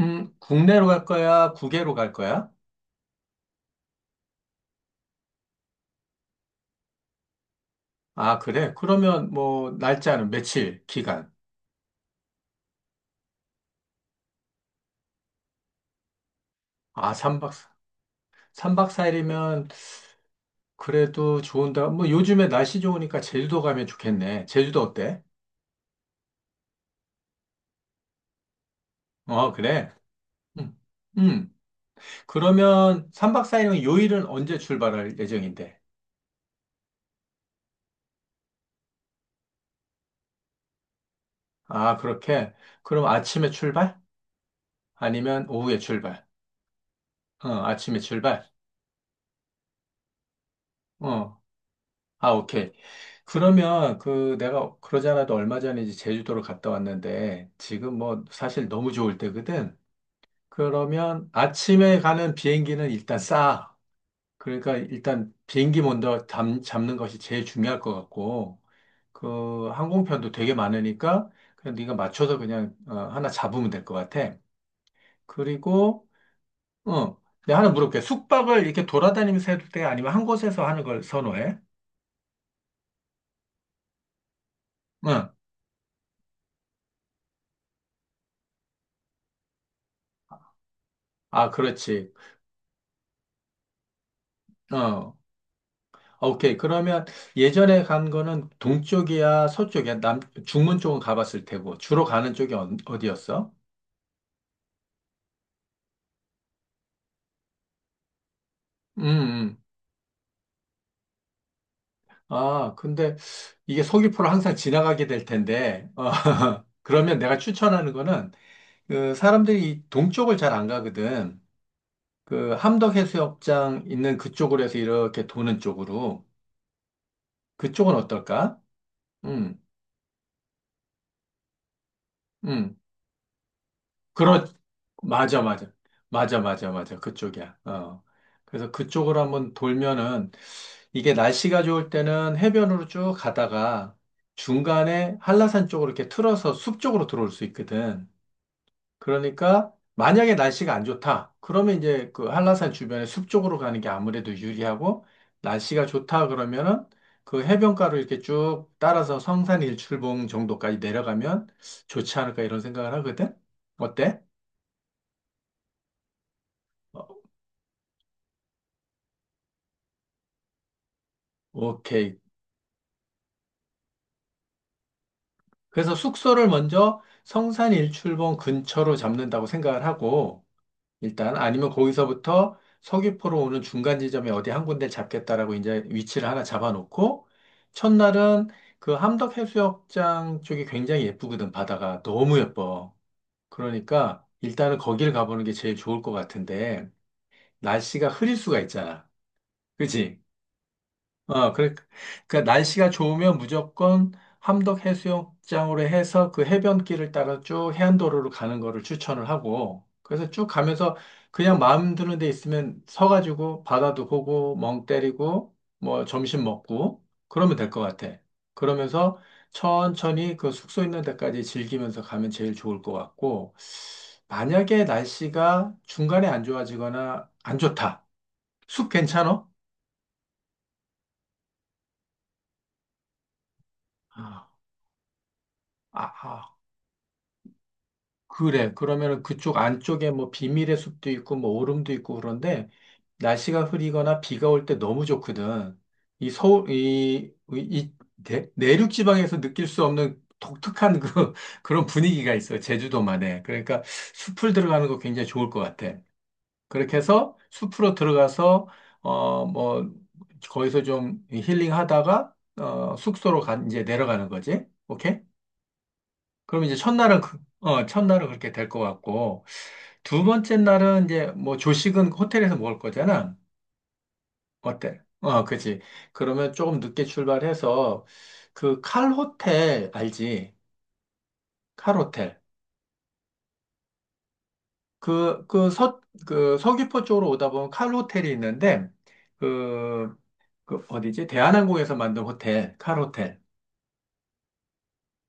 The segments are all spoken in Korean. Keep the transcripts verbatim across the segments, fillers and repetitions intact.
음, 국내로 갈 거야? 국외로 갈 거야? 아, 그래? 그러면 뭐, 날짜는 며칠, 기간? 아, 삼 박, 삼 박 사 일이면 그래도 좋은데, 뭐, 요즘에 날씨 좋으니까 제주도 가면 좋겠네. 제주도 어때? 어, 그래? 음, 음. 그러면 삼 박 사 일은 요일은 언제 출발할 예정인데? 아, 그렇게? 그럼 아침에 출발? 아니면 오후에 출발? 어, 아침에 출발? 어, 아, 오케이. 그러면 그 내가 그러지 않아도 얼마 전에 이제 제주도를 갔다 왔는데 지금 뭐 사실 너무 좋을 때거든. 그러면 아침에 가는 비행기는 일단 싸. 그러니까 일단 비행기 먼저 담- 잡는 것이 제일 중요할 것 같고 그 항공편도 되게 많으니까 그냥 네가 맞춰서 그냥 어, 하나 잡으면 될 것 같아. 그리고 어, 내가 하나 물어볼게. 숙박을 이렇게 돌아다니면서 해도 돼? 아니면 한 곳에서 하는 걸 선호해? 응. 아, 그렇지. 어. 오케이. 그러면 예전에 간 거는 동쪽이야, 서쪽이야, 남, 중문 쪽은 가봤을 테고, 주로 가는 쪽이 어, 어디였어? 음, 음. 아, 근데 이게 서귀포를 항상 지나가게 될 텐데, 어, 그러면 내가 추천하는 거는, 그, 사람들이 이 동쪽을 잘 안 가거든. 그, 함덕해수욕장 있는 그쪽으로 해서 이렇게 도는 쪽으로. 그쪽은 어떨까? 음, 음. 그렇, 맞아, 맞아. 맞아, 맞아, 맞아. 그쪽이야. 어. 그래서 그쪽으로 한번 돌면은 이게 날씨가 좋을 때는 해변으로 쭉 가다가 중간에 한라산 쪽으로 이렇게 틀어서 숲 쪽으로 들어올 수 있거든. 그러니까 만약에 날씨가 안 좋다. 그러면 이제 그 한라산 주변에 숲 쪽으로 가는 게 아무래도 유리하고 날씨가 좋다 그러면은 그 해변가로 이렇게 쭉 따라서 성산 일출봉 정도까지 내려가면 좋지 않을까 이런 생각을 하거든. 어때? 오케이. 그래서 숙소를 먼저 성산 일출봉 근처로 잡는다고 생각을 하고, 일단 아니면 거기서부터 서귀포로 오는 중간 지점에 어디 한 군데 잡겠다라고 이제 위치를 하나 잡아놓고, 첫날은 그 함덕해수욕장 쪽이 굉장히 예쁘거든, 바다가. 너무 예뻐. 그러니까 일단은 거기를 가보는 게 제일 좋을 것 같은데, 날씨가 흐릴 수가 있잖아. 그치? 어, 그래, 그러니까 날씨가 좋으면 무조건 함덕 해수욕장으로 해서 그 해변길을 따라 쭉 해안도로로 가는 거를 추천을 하고, 그래서 쭉 가면서 그냥 마음 드는 데 있으면 서가지고 바다도 보고, 멍 때리고, 뭐 점심 먹고, 그러면 될 것 같아. 그러면서 천천히 그 숙소 있는 데까지 즐기면서 가면 제일 좋을 것 같고, 만약에 날씨가 중간에 안 좋아지거나 안 좋다. 숲 괜찮아? 아, 아, 그래. 그러면은 그쪽 안쪽에 뭐 비밀의 숲도 있고 뭐 오름도 있고 그런데 날씨가 흐리거나 비가 올 때 너무 좋거든. 이 서울, 이, 이 내, 내륙 지방에서 느낄 수 없는 독특한 그, 그런 분위기가 있어요. 제주도만에. 그러니까 숲을 들어가는 거 굉장히 좋을 것 같아. 그렇게 해서 숲으로 들어가서, 어, 뭐, 거기서 좀 힐링 하다가, 어, 숙소로 가, 이제 내려가는 거지. 오케이? 그럼 이제 첫날은 그, 어, 첫날은 그렇게 될 것 같고 두 번째 날은 이제 뭐 조식은 호텔에서 먹을 거잖아. 어때? 어, 그지. 그러면 조금 늦게 출발해서 그 칼 호텔 알지? 칼 호텔. 그, 그 서, 그 서귀포 쪽으로 오다 보면 칼 호텔이 있는데 그, 그 어디지? 대한항공에서 만든 호텔, 칼 호텔.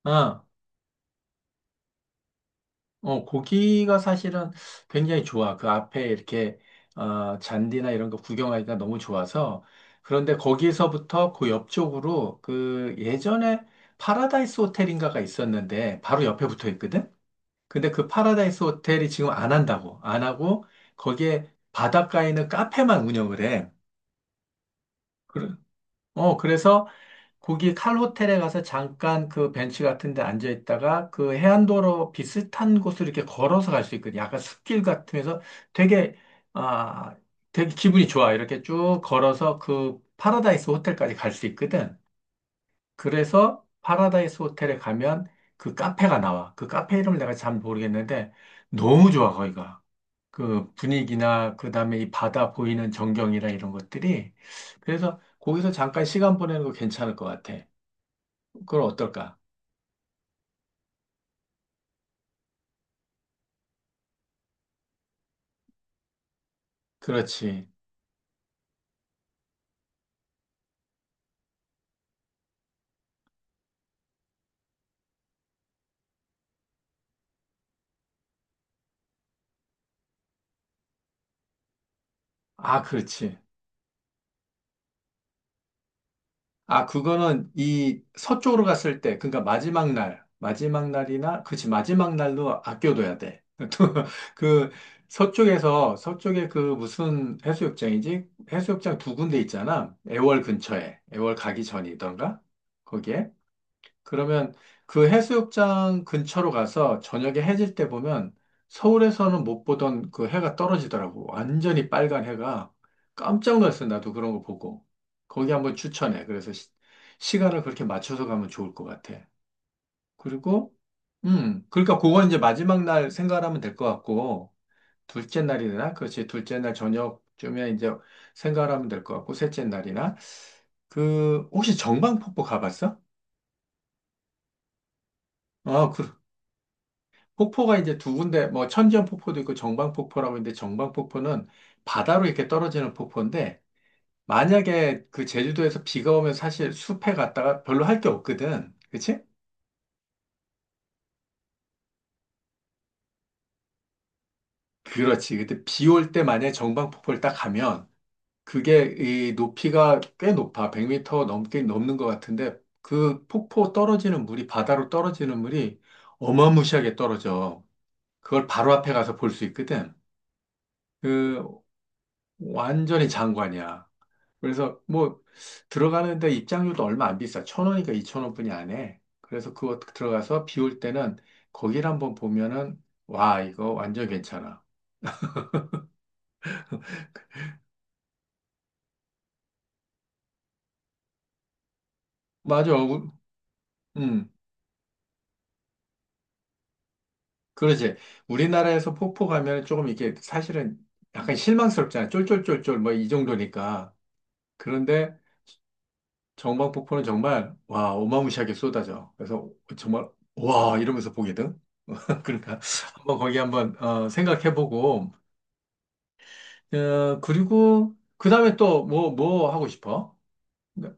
어. 어, 고기가 사실은 굉장히 좋아. 그 앞에 이렇게, 어, 잔디나 이런 거 구경하기가 너무 좋아서. 그런데 거기서부터 그 옆쪽으로 그 예전에 파라다이스 호텔인가가 있었는데 바로 옆에 붙어 있거든? 근데 그 파라다이스 호텔이 지금 안 한다고. 안 하고 거기에 바닷가에 있는 카페만 운영을 해. 그래. 어, 그래서 거기 칼 호텔에 가서 잠깐 그 벤치 같은 데 앉아 있다가 그 해안도로 비슷한 곳을 이렇게 걸어서 갈 수 있거든요. 약간 숲길 같으면서 되게, 아, 되게 기분이 좋아. 이렇게 쭉 걸어서 그 파라다이스 호텔까지 갈 수 있거든. 그래서 파라다이스 호텔에 가면 그 카페가 나와. 그 카페 이름을 내가 잘 모르겠는데 너무 좋아, 거기가. 그 분위기나 그 다음에 이 바다 보이는 전경이나 이런 것들이. 그래서 거기서 잠깐 시간 보내는 거 괜찮을 것 같아. 그걸 어떨까? 그렇지. 아, 그렇지. 아, 그거는 이 서쪽으로 갔을 때, 그러니까 마지막 날, 마지막 날이나, 그렇지, 마지막 날로 아껴둬야 돼. 또 그 서쪽에서, 서쪽에 그 무슨 해수욕장이지? 해수욕장 두 군데 있잖아. 애월 근처에, 애월 가기 전이던가? 거기에. 그러면 그 해수욕장 근처로 가서 저녁에 해질 때 보면 서울에서는 못 보던 그 해가 떨어지더라고. 완전히 빨간 해가. 깜짝 놀랐어. 나도 그런 거 보고. 거기 한번 추천해. 그래서 시, 간을 그렇게 맞춰서 가면 좋을 것 같아. 그리고, 음, 그러니까 그건 이제 마지막 날 생각하면 될 것 같고, 둘째 날이나, 그렇지. 둘째 날 저녁쯤에 이제 생각하면 될 것 같고, 셋째 날이나, 그, 혹시 정방폭포 가봤어? 아, 그, 폭포가 이제 두 군데, 뭐 천지연 폭포도 있고 정방폭포라고 있는데 정방폭포는 바다로 이렇게 떨어지는 폭포인데 만약에 그 제주도에서 비가 오면 사실 숲에 갔다가 별로 할 게 없거든. 그치? 그렇지. 근데 비 올 때 만약에 정방폭포를 딱 가면 그게 이 높이가 꽤 높아. 백 미터 넘게 넘는 것 같은데 그 폭포 떨어지는 물이 바다로 떨어지는 물이 어마무시하게 떨어져. 그걸 바로 앞에 가서 볼 수 있거든. 그 완전히 장관이야. 그래서 뭐 들어가는데 입장료도 얼마 안 비싸. 천 원이니까 이천 원뿐이 안 해. 그래서 그거 들어가서 비 올 때는 거기를 한번 보면은 와 이거 완전 괜찮아. 맞아. 우- 음. 그러지. 우리나라에서 폭포 가면 조금 이게 사실은 약간 실망스럽잖아. 쫄쫄쫄쫄 뭐 이 정도니까. 그런데 정방폭포는 정말 와 어마무시하게 쏟아져. 그래서 정말 와 이러면서 보거든. 그러니까 한번 거기 한번 어, 생각해보고 어, 그리고 그 다음에 또 뭐, 뭐 하고 싶어? 네.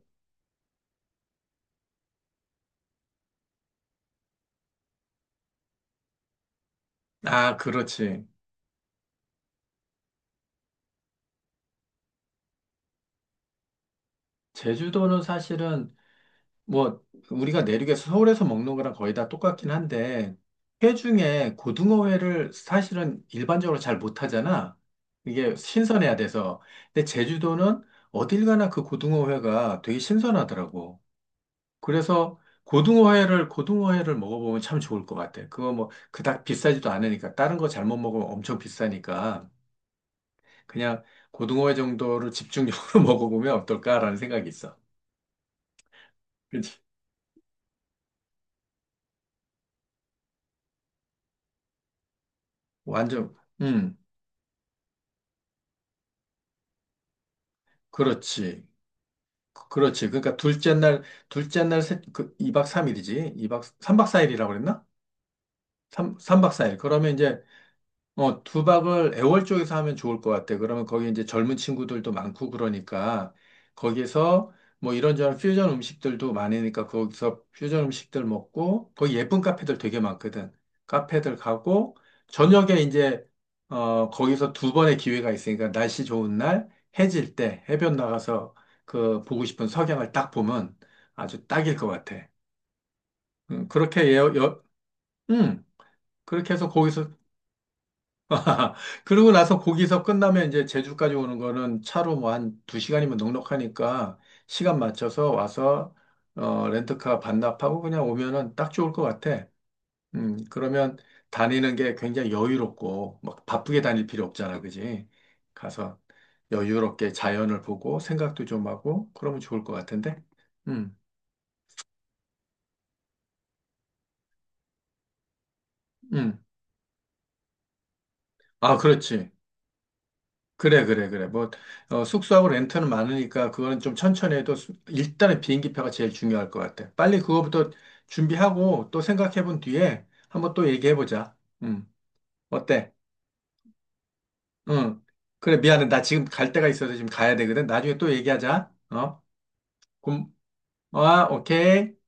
아, 그렇지. 제주도는 사실은 뭐 우리가 내륙에서 서울에서 먹는 거랑 거의 다 똑같긴 한데 회 중에 고등어회를 사실은 일반적으로 잘 못하잖아. 이게 신선해야 돼서. 근데 제주도는 어딜 가나 그 고등어회가 되게 신선하더라고. 그래서 고등어회를 고등어회를 먹어보면 참 좋을 것 같아. 그거 뭐 그닥 비싸지도 않으니까 다른 거 잘못 먹으면 엄청 비싸니까. 그냥 고등어회 정도를 집중적으로 먹어보면 어떨까라는 생각이 있어. 그렇지. 완전, 음, 그렇지. 그- 그렇지. 그러니까 둘째 날, 둘째 날, 셋, 그 이 박 삼 일이지. 이박 삼 박 사 일이라고 그랬나? 삼, 삼박사일 그러면 이제 어, 두박을 애월 쪽에서 하면 좋을 것 같아. 그러면 거기 이제 젊은 친구들도 많고 그러니까 거기서 뭐 이런저런 퓨전 음식들도 많으니까 거기서 퓨전 음식들 먹고 거기 예쁜 카페들 되게 많거든. 카페들 가고 저녁에 이제 어, 거기서 두 번의 기회가 있으니까 날씨 좋은 날 해질 때 해변 나가서 그 보고 싶은 석양을 딱 보면 아주 딱일 것 같아. 음, 그렇게 예, 여, 음, 그렇게 해서 거기서 그러고 나서 거기서 끝나면 이제 제주까지 오는 거는 차로 뭐 한 두 시간이면 넉넉하니까 시간 맞춰서 와서 어, 렌트카 반납하고 그냥 오면은 딱 좋을 것 같아. 음, 그러면 다니는 게 굉장히 여유롭고 막 바쁘게 다닐 필요 없잖아, 그지? 가서 여유롭게 자연을 보고 생각도 좀 하고 그러면 좋을 것 같은데. 음, 음. 아, 그렇지. 그래, 그래, 그래. 뭐, 어, 숙소하고 렌트는 많으니까 그거는 좀 천천히 해도 수- 일단은 비행기표가 제일 중요할 것 같아. 빨리 그거부터 준비하고 또 생각해 본 뒤에 한번 또 얘기해 보자. 음, 어때? 응. 그래, 미안해. 나 지금 갈 데가 있어서 지금 가야 되거든. 나중에 또 얘기하자. 어? 그 아, 오케이.